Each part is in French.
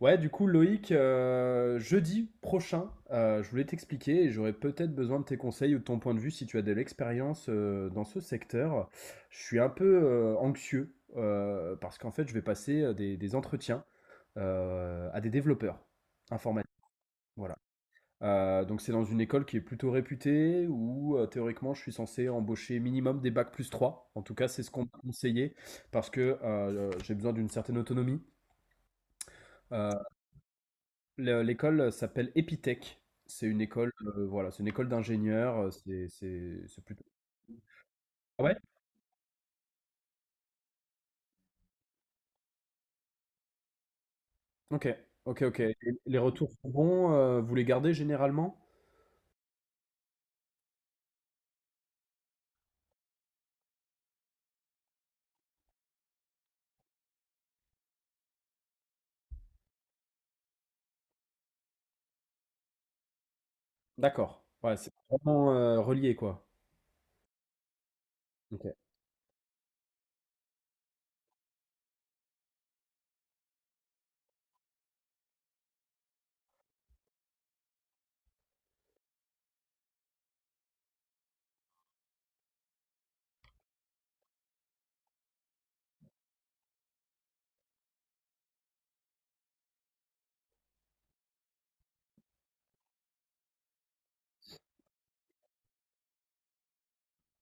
Ouais, du coup, Loïc, jeudi prochain, je voulais t'expliquer et j'aurais peut-être besoin de tes conseils ou de ton point de vue si tu as de l'expérience dans ce secteur. Je suis un peu anxieux parce qu'en fait, je vais passer des entretiens à des développeurs informatiques. Voilà. Donc, c'est dans une école qui est plutôt réputée où théoriquement, je suis censé embaucher minimum des bacs plus 3. En tout cas, c'est ce qu'on m'a conseillé parce que j'ai besoin d'une certaine autonomie. Euh, L'école s'appelle Epitech. C'est une école, voilà, c'est une école d'ingénieurs. C'est plutôt. Ah ouais? Ok, ok, ok. Et les retours sont bons. Vous les gardez généralement? D'accord. Ouais, c'est vraiment relié, quoi. Ok.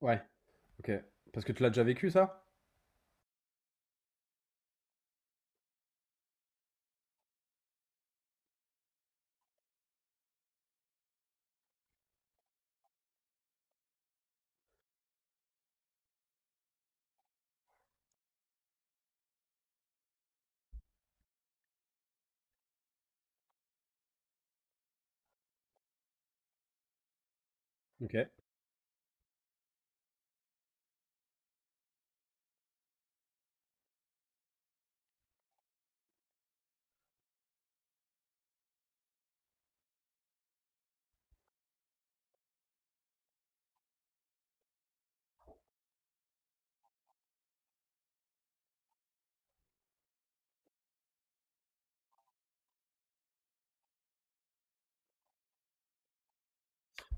Ouais. Ok. Parce que tu l'as déjà vécu, ça? Ok.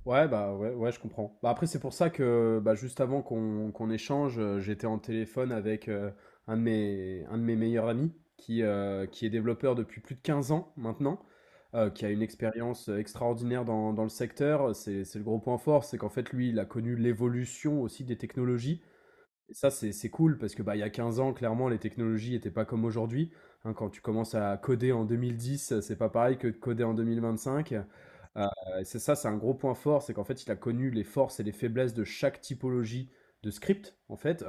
Ouais, bah ouais, ouais, je comprends. Bah, après, c'est pour ça que bah, juste avant qu'on échange, j'étais en téléphone avec un de mes meilleurs amis qui est développeur depuis plus de 15 ans maintenant, qui a une expérience extraordinaire dans le secteur. C'est le gros point fort, c'est qu'en fait, lui, il a connu l'évolution aussi des technologies. Et ça, c'est cool parce que, bah, il y a 15 ans, clairement, les technologies n'étaient pas comme aujourd'hui, hein. Quand tu commences à coder en 2010, c'est pas pareil que de coder en 2025. Heu, c'est un gros point fort, c'est qu'en fait, il a connu les forces et les faiblesses de chaque typologie de script, en fait.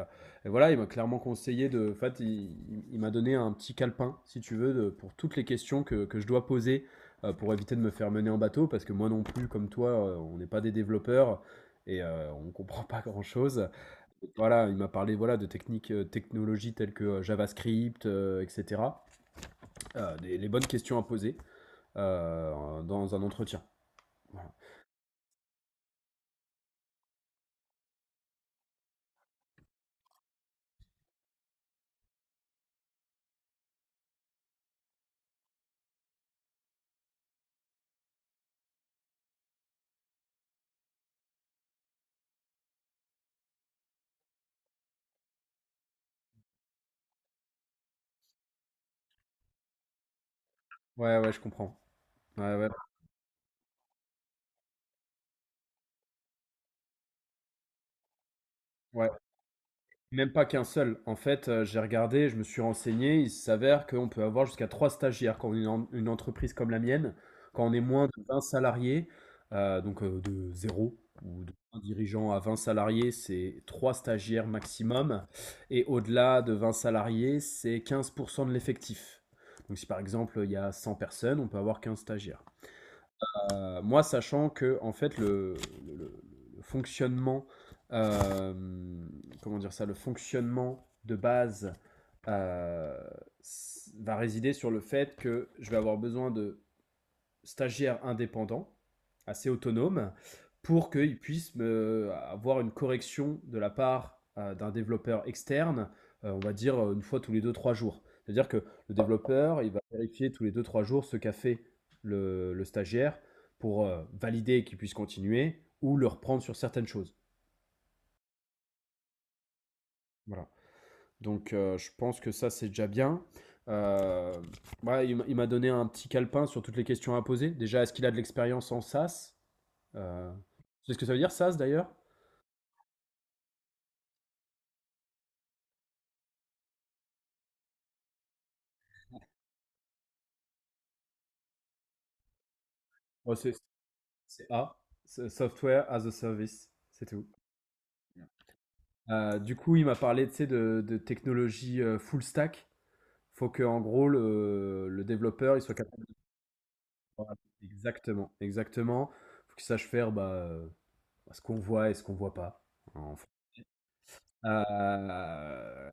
Et voilà, il m'a clairement conseillé de en fait, il m'a donné un petit calepin, si tu veux, de pour toutes les questions que je dois poser, pour éviter de me faire mener en bateau. Parce que moi non plus, comme toi, on n'est pas des développeurs et on ne comprend pas grand-chose. Voilà, il m'a parlé, voilà, de techniques, technologies telles que, JavaScript, et cetera. Des les bonnes questions à poser, dans un entretien. Voilà. Ouais, ouais, je comprends. Ouais, ouais. Ouais. Même pas qu'un seul. En fait, j'ai regardé, je me suis renseigné. Il s'avère qu'on peut avoir jusqu'à 3 stagiaires quand on est une en une entreprise comme la mienne, quand on est moins de 20 salariés, donc de zéro ou de un dirigeant à 20 salariés, c'est 3 stagiaires maximum et au-delà de 20 salariés, c'est 15% de l'effectif. Donc si par exemple, il y a 100 personnes, on peut avoir 15 stagiaires. Moi, sachant que en fait le, le- le- fonctionnement, euh, comment dire ça, le fonctionnement de base euh, va résider sur le fait que je vais avoir besoin de stagiaire indépendant, assez autonome, pour qu'il puisse avoir une correction de la part d'un développeur externe, on va dire une fois tous les deux trois jours. C'est-à-dire que le développeur, il va vérifier tous les deux trois jours ce qu'a fait le stagiaire pour valider qu'il puisse continuer ou le reprendre sur certaines choses. Voilà. Donc je pense que ça, c'est déjà bien. Euh, ouais, il m'a donné un petit calepin sur toutes les questions à poser. Déjà, est-ce qu'il a de l'expérience en SaaS? Euh, c'est ce que ça veut dire, SaaS d'ailleurs? Ouais, c'est A, c'est Software as a Service, c'est tout. Du coup, il m'a parlé tu sais, de technologie full stack. Faut que, en gros, le développeur il soit capable de voir. Exactement, exactement. Faut qu'il sache faire bah, ce qu'on voit et ce qu'on voit pas, en fait. Euh,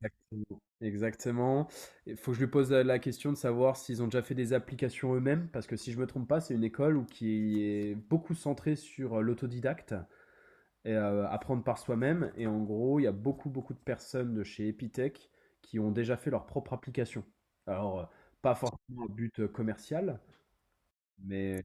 Exactement. Exactement. Il faut que je lui pose la question de savoir s'ils ont déjà fait des applications eux-mêmes, parce que si je me trompe pas, c'est une école où qui est beaucoup centrée sur l'autodidacte et apprendre par soi-même. Et en gros, il y a beaucoup, beaucoup de personnes de chez Epitech qui ont déjà fait leur propre application. Alors, pas forcément à but commercial, mais.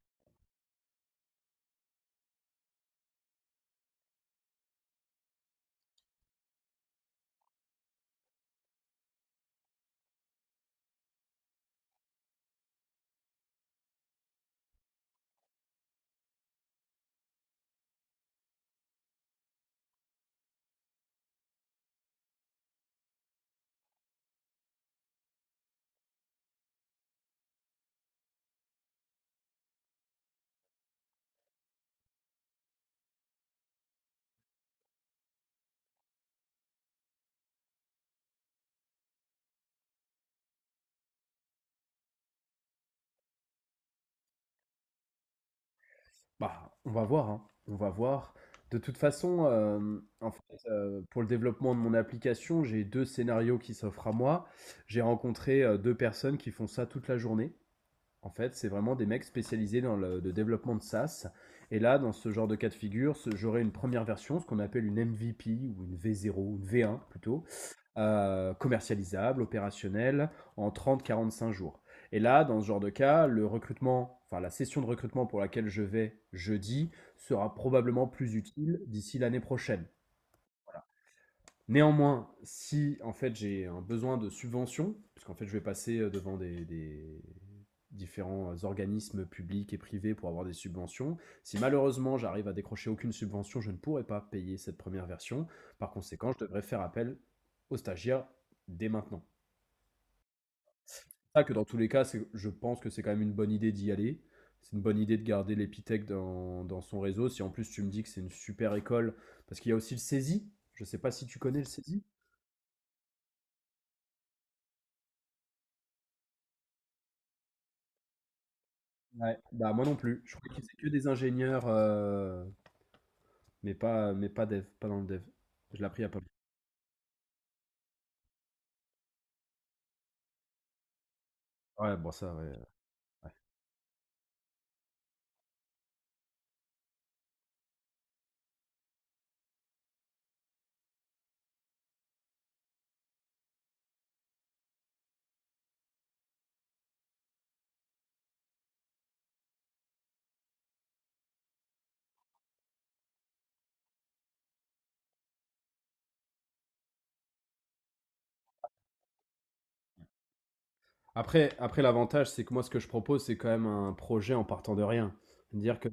Bah, on va voir, hein. On va voir. De toute façon, en fait, pour le développement de mon application, j'ai 2 scénarios qui s'offrent à moi. J'ai rencontré, 2 personnes qui font ça toute la journée. En fait, c'est vraiment des mecs spécialisés dans le développement de SaaS et là, dans ce genre de cas de figure, ce j'aurai une première version, ce qu'on appelle une MVP ou une V0 ou une V1 plutôt, commercialisable, opérationnel, en trente, quarante, cinq jours. Et là, dans ce genre de cas, le recrutement, enfin la session de recrutement pour laquelle je vais jeudi sera probablement plus utile d'ici l'année prochaine. Néanmoins, si en fait j'ai un besoin de subvention, puisqu'en fait je vais passer devant des différents organismes publics et privés pour avoir des subventions, si malheureusement j'arrive à décrocher aucune subvention, je ne pourrai pas payer cette première version. Par conséquent, je devrais faire appel aux stagiaires dès maintenant. Ça que dans tous les cas, je pense que c'est quand même une bonne idée d'y aller. C'est une bonne idée de garder l'Épithèque dans son réseau. Si en plus tu me dis que c'est une super école, parce qu'il y a aussi le saisi. Je sais pas si tu connais le saisi. Ouais. Bah moi non plus. Je crois que c'est que des ingénieurs, mais pas dev, pas dans le dev. Je l'ai appris à pas. Ouais, bon ça. Ouais. Après l'avantage, c'est que moi ce que je propose, c'est quand même un projet en partant de rien. Dire que.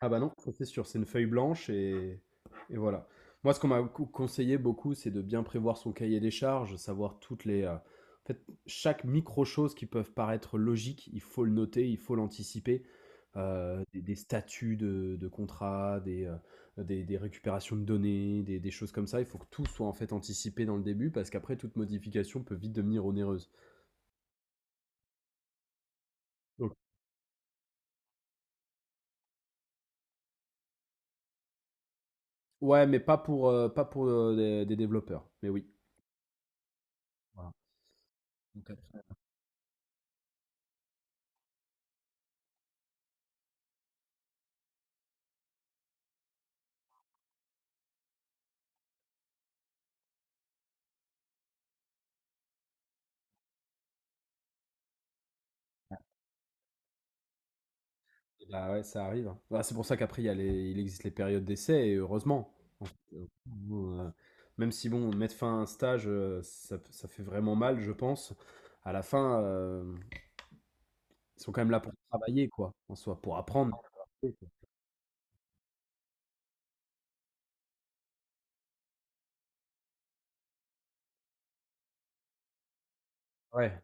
Ah bah non, ça, c'est sûr, c'est une feuille blanche et voilà. Moi, ce qu'on m'a conseillé beaucoup, c'est de bien prévoir son cahier des charges, savoir toutes les... en fait, chaque micro-chose qui peuvent paraître logique, il faut le noter, il faut l'anticiper. Des statuts de contrat, des, des récupérations de données, des choses comme ça. Il faut que tout soit en fait anticipé dans le début parce qu'après, toute modification peut vite devenir onéreuse. Donc, ouais, mais pas pour, pas pour des développeurs. Mais oui. Voilà. Et bah, ouais, ça arrive, hein. Bah, c'est pour ça qu'après il existe les périodes d'essai et heureusement. En fait, nous, même si bon, mettre fin à un stage, ça fait vraiment mal, je pense. À la fin, ils sont quand même là pour travailler quoi, en soi, pour apprendre. Ouais.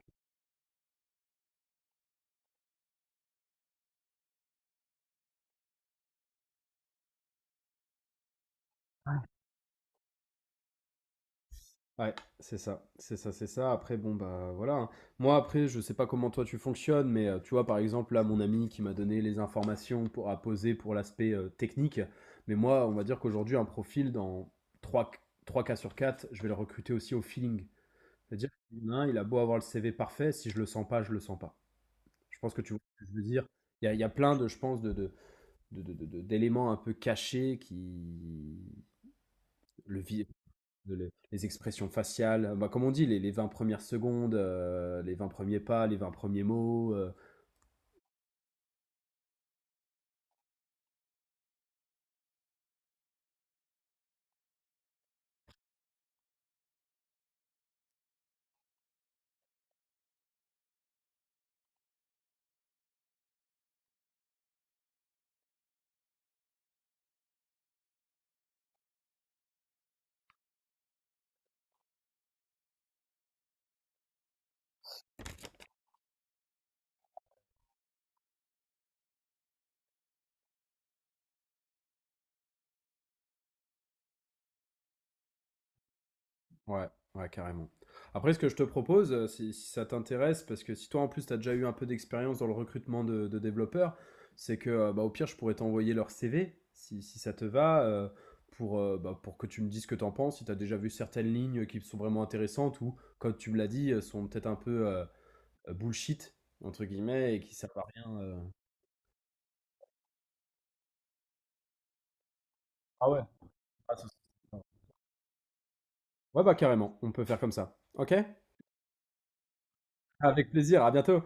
Ouais, c'est ça, c'est ça, c'est ça. Après, bon, bah voilà, hein. Moi, après, je sais pas comment toi tu fonctionnes, mais tu vois, par exemple, là, mon ami qui m'a donné les informations pour, à poser pour l'aspect technique, mais moi, on va dire qu'aujourd'hui, un profil dans 3 trois cas sur 4, je vais le recruter aussi au feeling. C'est-à-dire qu'il y en a un, il a beau avoir le CV parfait, si je le sens pas, je le sens pas. Je pense que tu vois ce que je veux dire. Il y a plein de, je pense, d'éléments un peu cachés qui. Le, vi- de les expressions faciales, bah, comme on dit, les 20 premières secondes, les 20 premiers pas, les 20 premiers mots, ouais, ouais, carrément. Après ce que je te propose, si ça t'intéresse, parce que si toi en plus tu as déjà eu un peu d'expérience dans le recrutement de développeurs, c'est que, bah, au pire je pourrais t'envoyer leur CV, si ça te va, pour, bah, pour que tu me dises ce que tu en penses, si tu as déjà vu certaines lignes qui sont vraiment intéressantes ou comme tu me l'as dit, sont peut-être un peu, «bullshit» entre guillemets et qui servent à rien. Ah ouais? Ah ça, ouais, bah carrément, on peut faire comme ça. Ok? Avec plaisir, à bientôt.